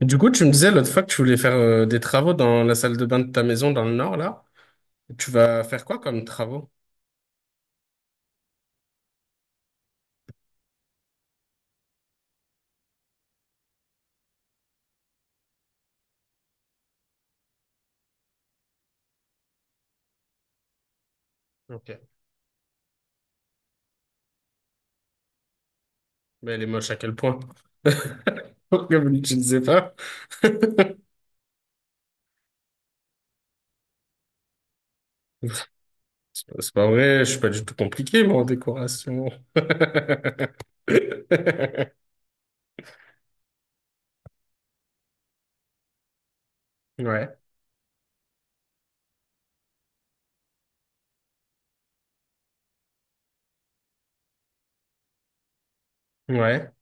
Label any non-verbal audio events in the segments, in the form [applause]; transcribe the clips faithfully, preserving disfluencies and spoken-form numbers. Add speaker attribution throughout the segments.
Speaker 1: Du coup, tu me disais l'autre fois que tu voulais faire euh, des travaux dans la salle de bain de ta maison dans le nord, là. Tu vas faire quoi comme travaux? Ok. Mais elle est moche à quel point? [laughs] Pourquoi vous l'utilisez pas? [laughs] C'est pas c'est pas vrai, je suis pas du tout compliqué, moi, en décoration. [laughs] Ouais, ouais.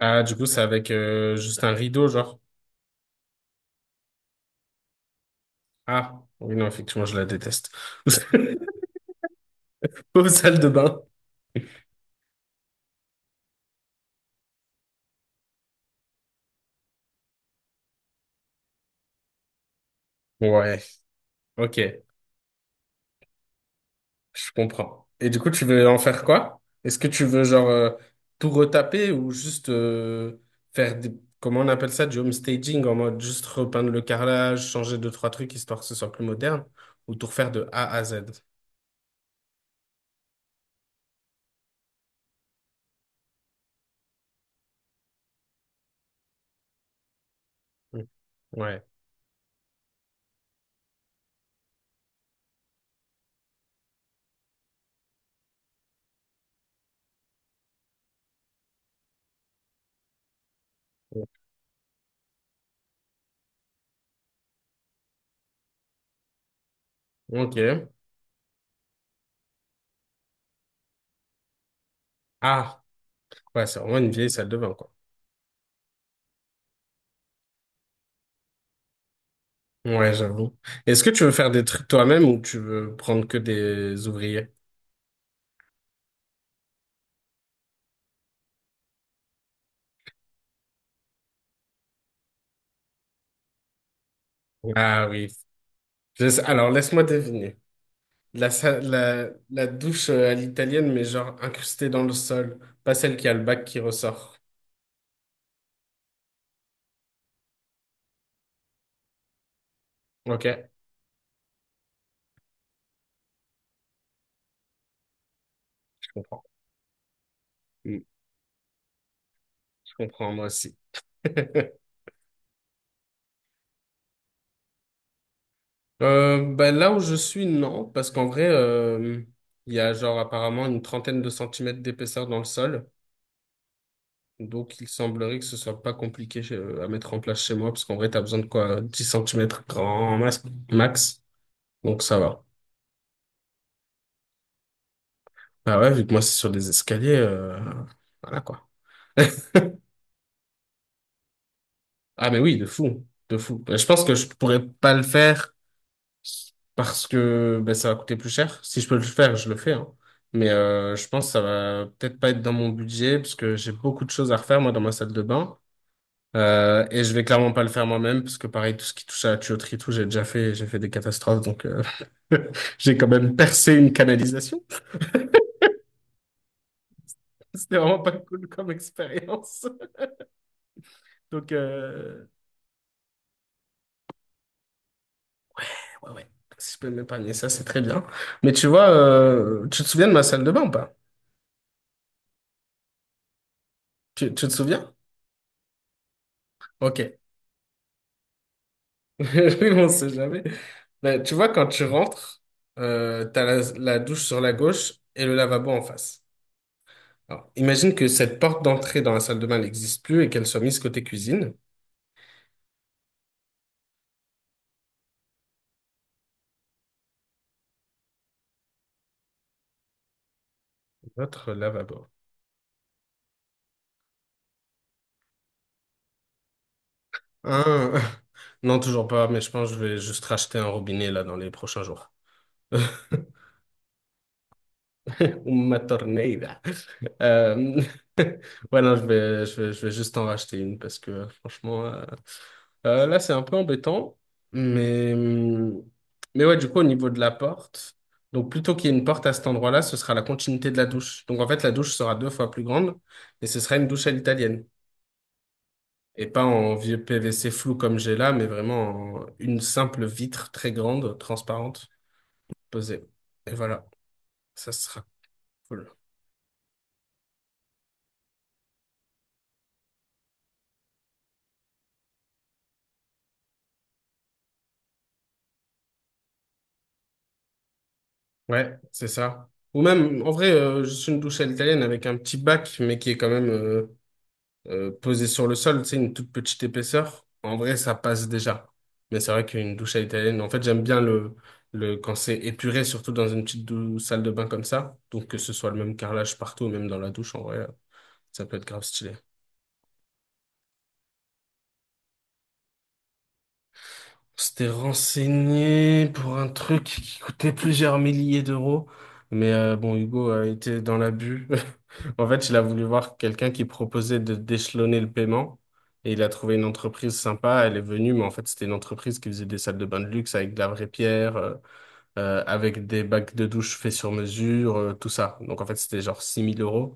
Speaker 1: Ah, du coup, c'est avec euh, juste un rideau, genre. Ah, oui, non, effectivement, je la déteste. [laughs] Aux salles de bain. Ouais, ok. Je comprends. Et du coup, tu veux en faire quoi? Est-ce que tu veux genre euh, tout retaper ou juste euh, faire des, comment on appelle ça, du home staging en mode juste repeindre le carrelage, changer deux, trois trucs histoire que ce soit plus moderne ou tout refaire de A à Z? Mm. Ouais. Ok. Ah, ouais, c'est vraiment une vieille salle de bain, quoi. Ouais, j'avoue. Est-ce que tu veux faire des trucs toi-même ou tu veux prendre que des ouvriers? Ah oui. Je sais- Alors, laisse-moi deviner. La, sa- la, la douche euh, à l'italienne, mais genre incrustée dans le sol. Pas celle qui a le bac qui ressort. Ok, je comprends. Mm, je comprends, moi aussi. [laughs] Euh, bah, là où je suis, non, parce qu'en vrai, euh, il y a genre apparemment une trentaine de centimètres d'épaisseur dans le sol. Donc, il semblerait que ce soit pas compliqué chez- à mettre en place chez moi, parce qu'en vrai, t'as besoin de quoi? Dix centimètres grand mas- max. Donc, ça va. Bah ouais, vu que moi, c'est sur des escaliers, euh, voilà quoi. [laughs] Ah mais oui, de fou, de fou. Ben, je pense que je pourrais pas le faire parce que ben, ça va coûter plus cher. Si je peux le faire, je le fais, hein. Mais euh, je pense que ça va peut-être pas être dans mon budget parce que j'ai beaucoup de choses à refaire moi dans ma salle de bain. Euh, et je vais clairement pas le faire moi-même parce que pareil, tout ce qui touche à la tuyauterie, et tout, j'ai déjà fait, j'ai fait des catastrophes. Donc euh, [laughs] j'ai quand même percé une canalisation. [laughs] C'était vraiment pas cool comme expérience. Donc euh, ouais, ouais. Si je peux m'épargner ça, c'est très bien. Mais tu vois, euh, tu te souviens de ma salle de bain ou pas? Tu, tu te souviens? Ok. [laughs] Oui, on sait jamais. Ben, tu vois, quand tu rentres, euh, t'as la, la douche sur la gauche et le lavabo en face. Alors, imagine que cette porte d'entrée dans la salle de bain n'existe plus et qu'elle soit mise côté cuisine. Votre lavabo. Hein? [laughs] Non, toujours pas, mais je pense que je vais juste racheter un robinet là dans les prochains jours. [laughs] Uma torneira. Euh, [laughs] ouais, non, je vais, je vais, je vais juste en racheter une parce que franchement, euh, euh, là, c'est un peu embêtant. Mais, hum, mais ouais, du coup, au niveau de la porte, donc plutôt qu'il y ait une porte à cet endroit-là, ce sera la continuité de la douche. Donc en fait, la douche sera deux fois plus grande et ce sera une douche à l'italienne. Et pas en vieux P V C flou comme j'ai là, mais vraiment en une simple vitre très grande, transparente, posée. Et voilà, ça sera cool. Ouais, c'est ça. Ou même, en vrai, euh, juste une douche à l'italienne avec un petit bac, mais qui est quand même euh, euh, posé sur le sol, tu sais, une toute petite épaisseur. En vrai, ça passe déjà. Mais c'est vrai qu'une douche à l'italienne, en fait, j'aime bien le, le, quand c'est épuré, surtout dans une petite dou- salle de bain comme ça. Donc, que ce soit le même carrelage partout, même dans la douche, en vrai, ça peut être grave stylé. On s'était renseigné pour un truc qui coûtait plusieurs milliers d'euros. Mais euh, bon, Hugo a été dans l'abus. [laughs] En fait, il a voulu voir quelqu'un qui proposait de d'échelonner le paiement. Et il a trouvé une entreprise sympa. Elle est venue, mais en fait, c'était une entreprise qui faisait des salles de bain de luxe avec de la vraie pierre, euh, euh, avec des bacs de douche faits sur mesure, euh, tout ça. Donc, en fait, c'était genre six mille euros.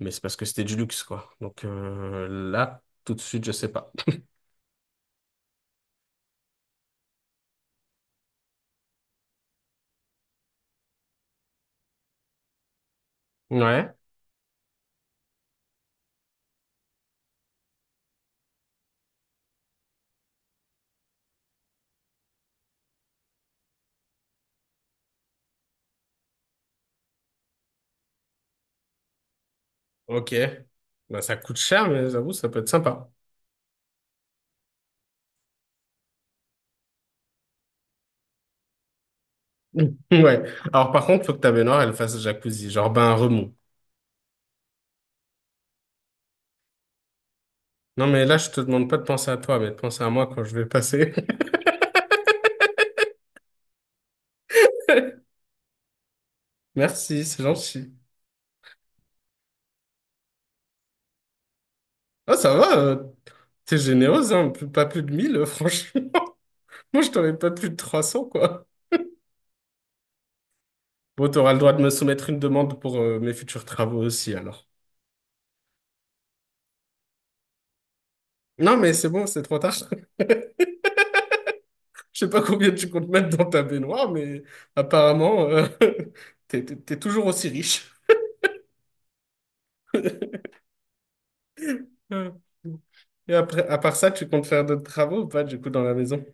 Speaker 1: Mais c'est parce que c'était du luxe, quoi. Donc euh, là, tout de suite, je sais pas. Ouais. Ok. Bah, ça coûte cher, mais j'avoue, ça peut être sympa. [laughs] Ouais. Alors, par contre, faut que ta baignoire, elle fasse jacuzzi, genre bain remous. Non, mais là, je te demande pas de penser à toi, mais de penser à moi quand je vais passer. [laughs] Merci, c'est gentil. Ah, ça va, euh, t'es généreuse, hein, plus- pas plus de mille euh, franchement. [laughs] Moi, je t'aurais pas plus de trois cents quoi. Bon, t'auras le droit de me soumettre une demande pour euh, mes futurs travaux aussi, alors. Non, mais c'est bon, c'est trop tard. Je sais pas combien tu comptes mettre dans ta baignoire, mais apparemment, euh, [laughs] t'es, t'es- t'es toujours aussi riche. Euh, Et après, à part ça, tu comptes faire d'autres travaux ou pas, du coup, dans la maison?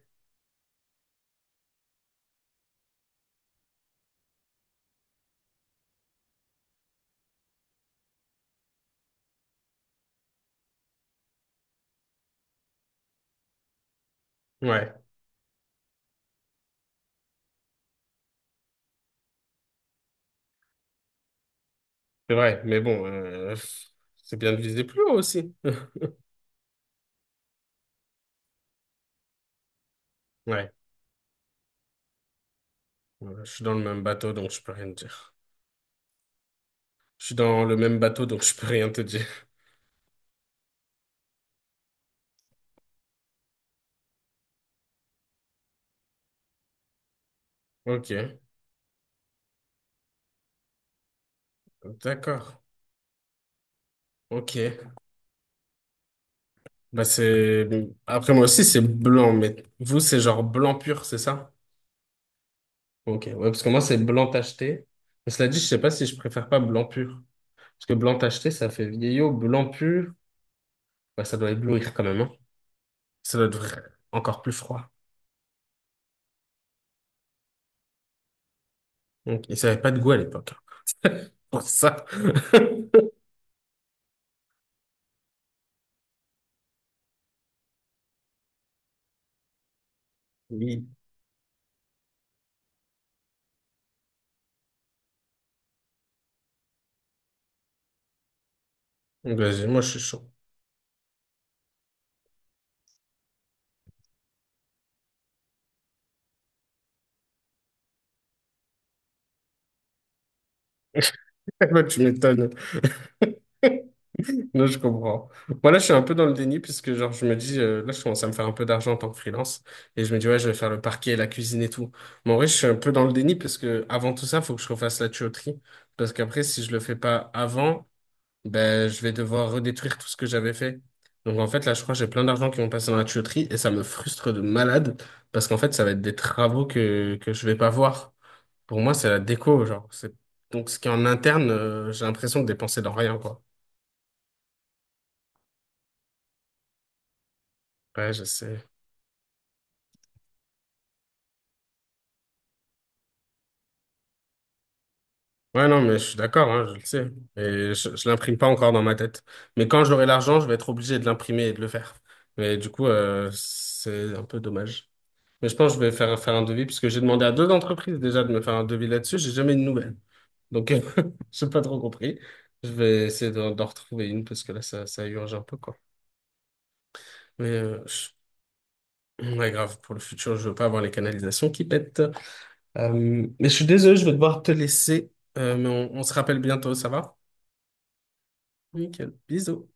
Speaker 1: Ouais, c'est vrai, mais bon, euh, c'est bien de viser plus haut aussi. [laughs] Ouais, ouais, je suis dans le même bateau, donc je peux rien te dire. Je suis dans le même bateau, donc je peux rien te dire. Ok, d'accord. Ok. Bah c'est... Après moi aussi, c'est blanc, mais vous, c'est genre blanc pur, c'est ça? Ok, ouais, parce que moi, c'est blanc tacheté. Mais cela dit, je sais pas si je préfère pas blanc pur. Parce que blanc tacheté, ça fait vieillot. Blanc pur, ouais, ça doit éblouir quand même, hein. Ça doit être vra- encore plus froid. Donc, ils n'avaient pas de goût à l'époque, hein. Pour ça. [laughs] Oui. Donc, vas-y, moi, je suis chaud. [laughs] Bah, tu m'étonnes. Là, je comprends. Moi, là, je suis un peu dans le déni puisque, genre, je me dis, euh, là, je commence à me faire un peu d'argent en tant que freelance et je me dis, ouais, je vais faire le parquet, la cuisine et tout. Mais en vrai, je suis un peu dans le déni parce que, avant tout ça, faut que je refasse la tuyauterie parce qu'après, si je le fais pas avant, ben, je vais devoir redétruire tout ce que j'avais fait. Donc, en fait, là, je crois que j'ai plein d'argent qui vont passer dans la tuyauterie et ça me frustre de malade parce qu'en fait, ça va être des travaux que, que je vais pas voir. Pour moi, c'est la déco, genre. C'est... Donc, ce qui est en interne, euh, j'ai l'impression de dépenser dans rien, quoi. Ouais, je sais. Ouais, non, mais je suis d'accord, hein, je le sais. Et je, je l'imprime pas encore dans ma tête. Mais quand j'aurai l'argent, je vais être obligé de l'imprimer et de le faire. Mais du coup, euh, c'est un peu dommage. Mais je pense que je vais faire, faire un devis, puisque j'ai demandé à deux entreprises déjà de me faire un devis là-dessus. J'ai jamais eu de nouvelles. Donc, euh, [laughs] j'ai pas trop compris. Je vais essayer d'en d'en retrouver une, parce que là, ça, ça urge un peu, quoi. Mais euh, je- ouais, grave, pour le futur, je veux pas avoir les canalisations qui pètent. Euh, mais je suis désolé, je vais devoir te laisser. Euh, mais on on se rappelle bientôt, ça va? Nickel. Bisous.